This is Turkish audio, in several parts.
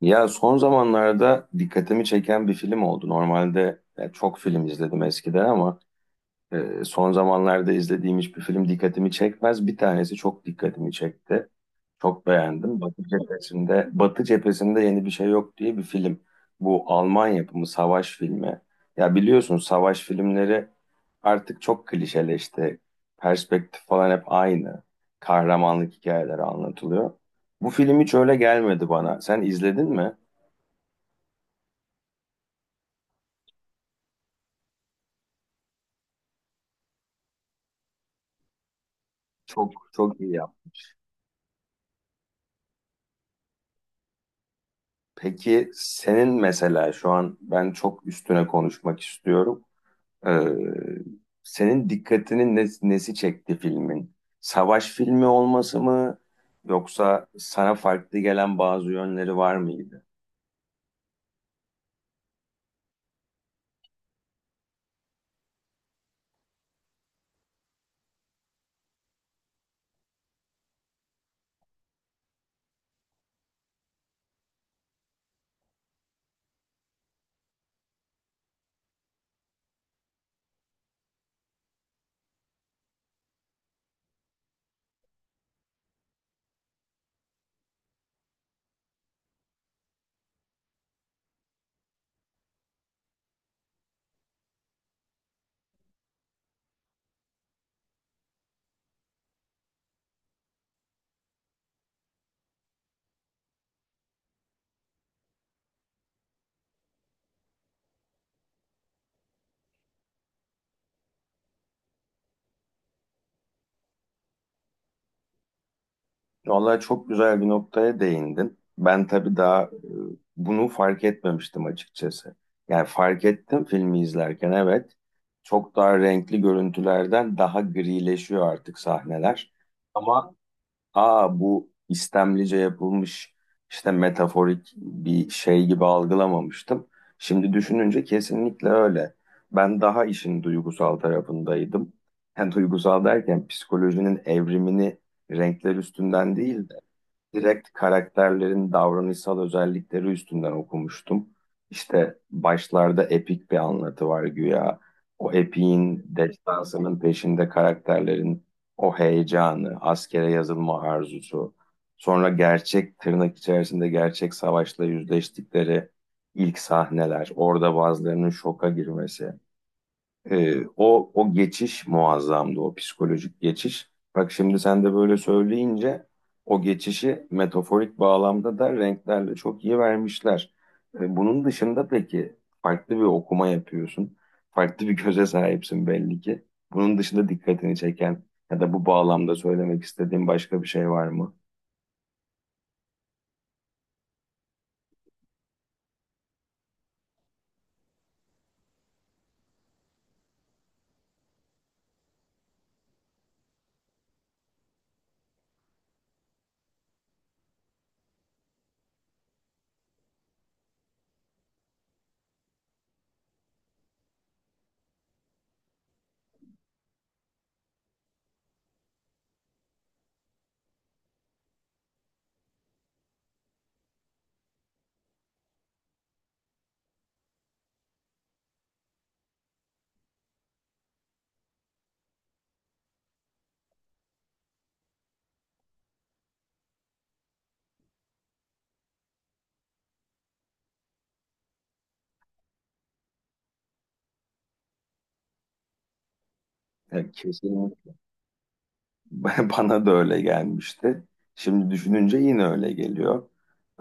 Ya son zamanlarda dikkatimi çeken bir film oldu. Normalde ya çok film izledim eskiden ama son zamanlarda izlediğim hiçbir film dikkatimi çekmez. Bir tanesi çok dikkatimi çekti. Çok beğendim. Batı cephesinde, Batı cephesinde yeni bir şey yok diye bir film. Bu Alman yapımı savaş filmi. Ya biliyorsun savaş filmleri artık çok klişeleşti. Perspektif falan hep aynı. Kahramanlık hikayeleri anlatılıyor. Bu film hiç öyle gelmedi bana. Sen izledin mi? Çok çok iyi yap. Peki senin mesela şu an ben çok üstüne konuşmak istiyorum. Ee, Senin nesi çekti filmin? Savaş filmi olması mı yoksa sana farklı gelen bazı yönleri var mıydı? Vallahi çok güzel bir noktaya değindin. Ben tabii daha bunu fark etmemiştim açıkçası. Yani fark ettim filmi izlerken, evet. Çok daha renkli görüntülerden daha grileşiyor artık sahneler. Ama aa, bu istemlice yapılmış işte metaforik bir şey gibi algılamamıştım. Şimdi düşününce kesinlikle öyle. Ben daha işin duygusal tarafındaydım. Yani duygusal derken psikolojinin evrimini renkler üstünden değil de direkt karakterlerin davranışsal özellikleri üstünden okumuştum. İşte başlarda epik bir anlatı var güya. O epiğin destansının peşinde karakterlerin o heyecanı, askere yazılma arzusu, sonra gerçek tırnak içerisinde gerçek savaşla yüzleştikleri ilk sahneler, orada bazılarının şoka girmesi. O geçiş muazzamdı, o psikolojik geçiş. Bak şimdi sen de böyle söyleyince o geçişi metaforik bağlamda da renklerle çok iyi vermişler. Bunun dışında peki farklı bir okuma yapıyorsun. Farklı bir göze sahipsin belli ki. Bunun dışında dikkatini çeken ya da bu bağlamda söylemek istediğin başka bir şey var mı? Yani kesin. Bana da öyle gelmişti. Şimdi düşününce yine öyle geliyor.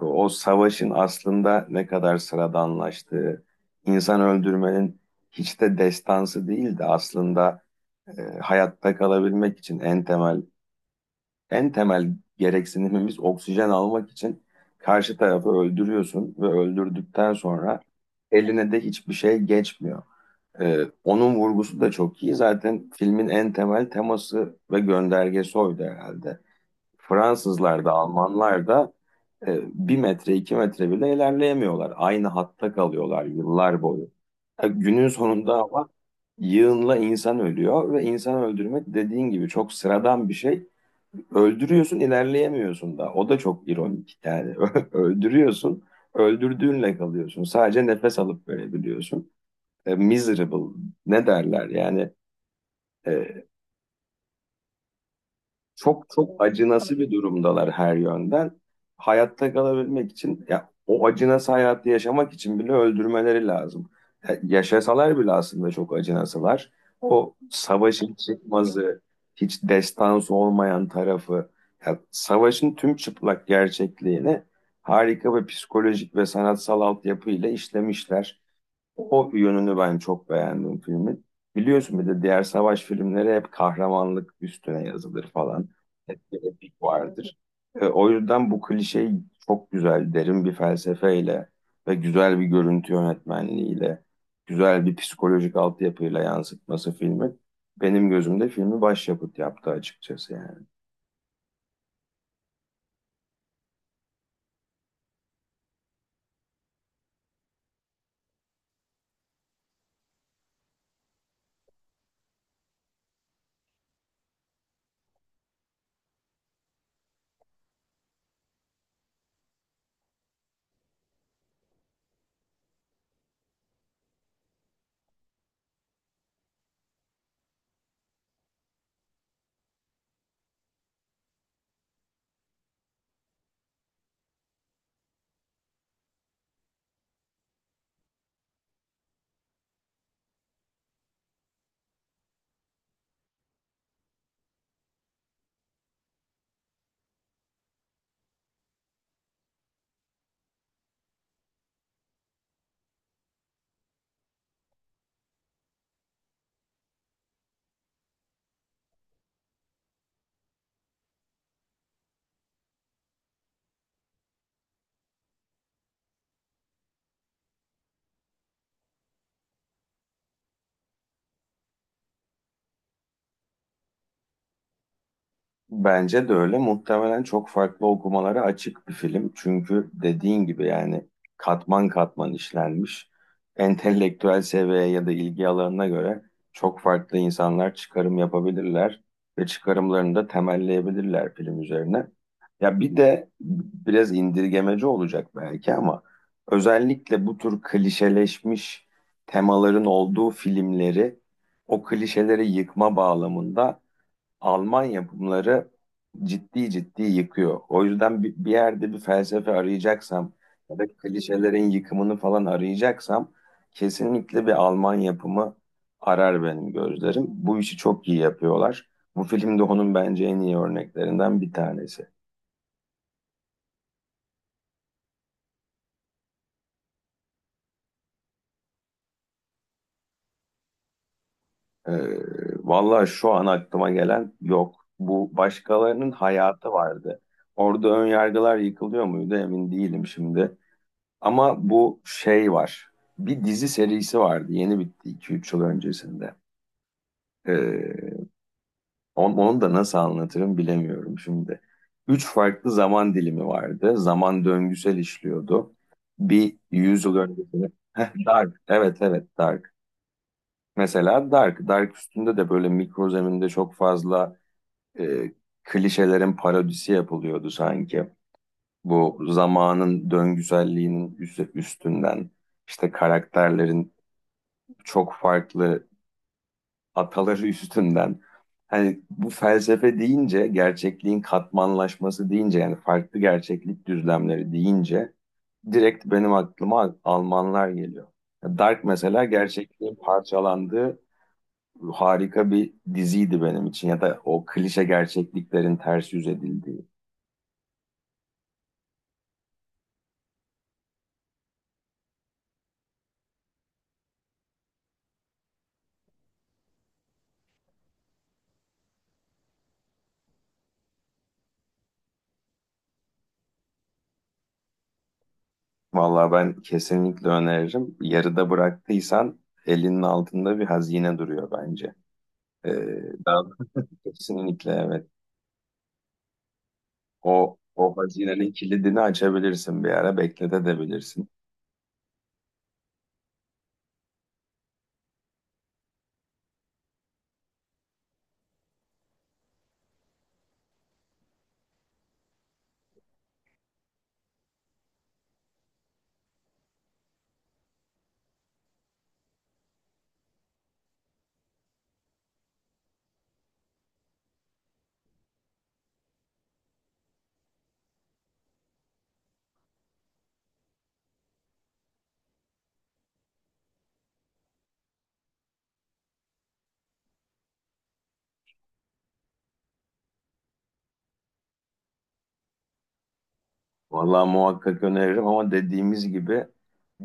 O savaşın aslında ne kadar sıradanlaştığı, insan öldürmenin hiç de destansı değil de aslında hayatta kalabilmek için en temel en temel gereksinimimiz oksijen almak için karşı tarafı öldürüyorsun ve öldürdükten sonra eline de hiçbir şey geçmiyor. E, Onun vurgusu da çok iyi. Zaten filmin en temel teması ve göndergesi oydu herhalde. Fransızlar da Almanlar da bir metre iki metre bile ilerleyemiyorlar. Aynı hatta kalıyorlar yıllar boyu. Günün sonunda ama yığınla insan ölüyor ve insan öldürmek dediğin gibi çok sıradan bir şey. Öldürüyorsun, ilerleyemiyorsun da. O da çok ironik yani. Öldürüyorsun, öldürdüğünle kalıyorsun. Sadece nefes alıp verebiliyorsun. Miserable ne derler yani, e, çok çok acınası bir durumdalar her yönden. Hayatta kalabilmek için ya o acınası hayatı yaşamak için bile öldürmeleri lazım. Yaşasalar bile aslında çok acınasılar. O savaşın çıkmazı, hiç destansı olmayan tarafı, ya savaşın tüm çıplak gerçekliğini harika bir psikolojik ve sanatsal altyapıyla işlemişler. O yönünü ben çok beğendim filmin. Biliyorsun bir de diğer savaş filmleri hep kahramanlık üstüne yazılır falan. Hep bir epik vardır. O yüzden bu klişeyi çok güzel, derin bir felsefeyle ve güzel bir görüntü yönetmenliğiyle, güzel bir psikolojik altyapıyla yansıtması filmi benim gözümde filmi başyapıt yaptı açıkçası yani. Bence de öyle. Muhtemelen çok farklı okumalara açık bir film. Çünkü dediğin gibi yani katman katman işlenmiş. Entelektüel seviyeye ya da ilgi alanına göre çok farklı insanlar çıkarım yapabilirler ve çıkarımlarını da temelleyebilirler film üzerine. Ya bir de biraz indirgemeci olacak belki ama özellikle bu tür klişeleşmiş temaların olduğu filmleri o klişeleri yıkma bağlamında Almanya bunları ciddi ciddi yıkıyor. O yüzden bir yerde bir felsefe arayacaksam ya da klişelerin yıkımını falan arayacaksam kesinlikle bir Alman yapımı arar benim gözlerim. Bu işi çok iyi yapıyorlar. Bu film de onun bence en iyi örneklerinden bir tanesi. Ee, Vallahi şu an aklıma gelen yok. Bu başkalarının hayatı vardı. Orada ön yargılar yıkılıyor muydu emin değilim şimdi. Ama bu şey var. Bir dizi serisi vardı. Yeni bitti iki üç yıl öncesinde. Ee, Onu da nasıl anlatırım bilemiyorum şimdi. Üç farklı zaman dilimi vardı. Zaman döngüsel işliyordu. Bir 100 yıl öncesinde. Heh, Dark. Evet, evet, Dark. Mesela Dark. Dark üstünde de böyle mikro zeminde çok fazla e, klişelerin parodisi yapılıyordu sanki. Bu zamanın döngüselliğinin üstünden işte karakterlerin çok farklı ataları üstünden. Hani bu felsefe deyince, gerçekliğin katmanlaşması deyince yani farklı gerçeklik düzlemleri deyince direkt benim aklıma Almanlar geliyor. Dark mesela gerçekliğin parçalandığı harika bir diziydi benim için ya da o klişe gerçekliklerin ters yüz edildiği. Vallahi ben kesinlikle öneririm. Yarıda bıraktıysan elinin altında bir hazine duruyor bence. Ee, Daha kesinlikle evet. O hazinenin kilidini açabilirsin, bir ara bekletebilirsin. Vallahi muhakkak öneririm ama dediğimiz gibi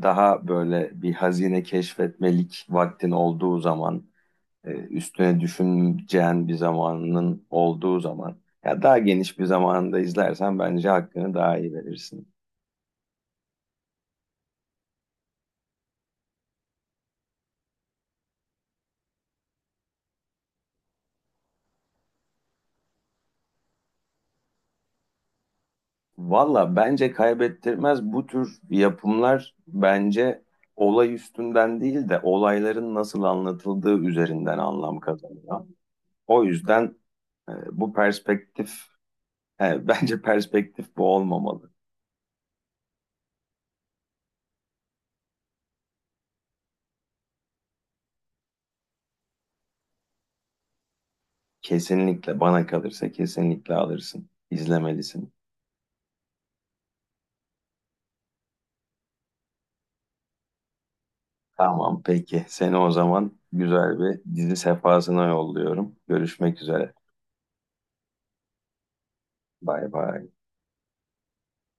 daha böyle bir hazine keşfetmelik vaktin olduğu zaman, üstüne düşüneceğin bir zamanın olduğu zaman, ya daha geniş bir zamanında izlersen bence hakkını daha iyi verirsin. Valla bence kaybettirmez, bu tür yapımlar bence olay üstünden değil de olayların nasıl anlatıldığı üzerinden anlam kazanıyor. O yüzden e, bu perspektif, bence perspektif bu olmamalı. Kesinlikle bana kalırsa kesinlikle alırsın, izlemelisin. Tamam, peki. Seni o zaman güzel bir dizi sefasına yolluyorum. Görüşmek üzere. Bay bay.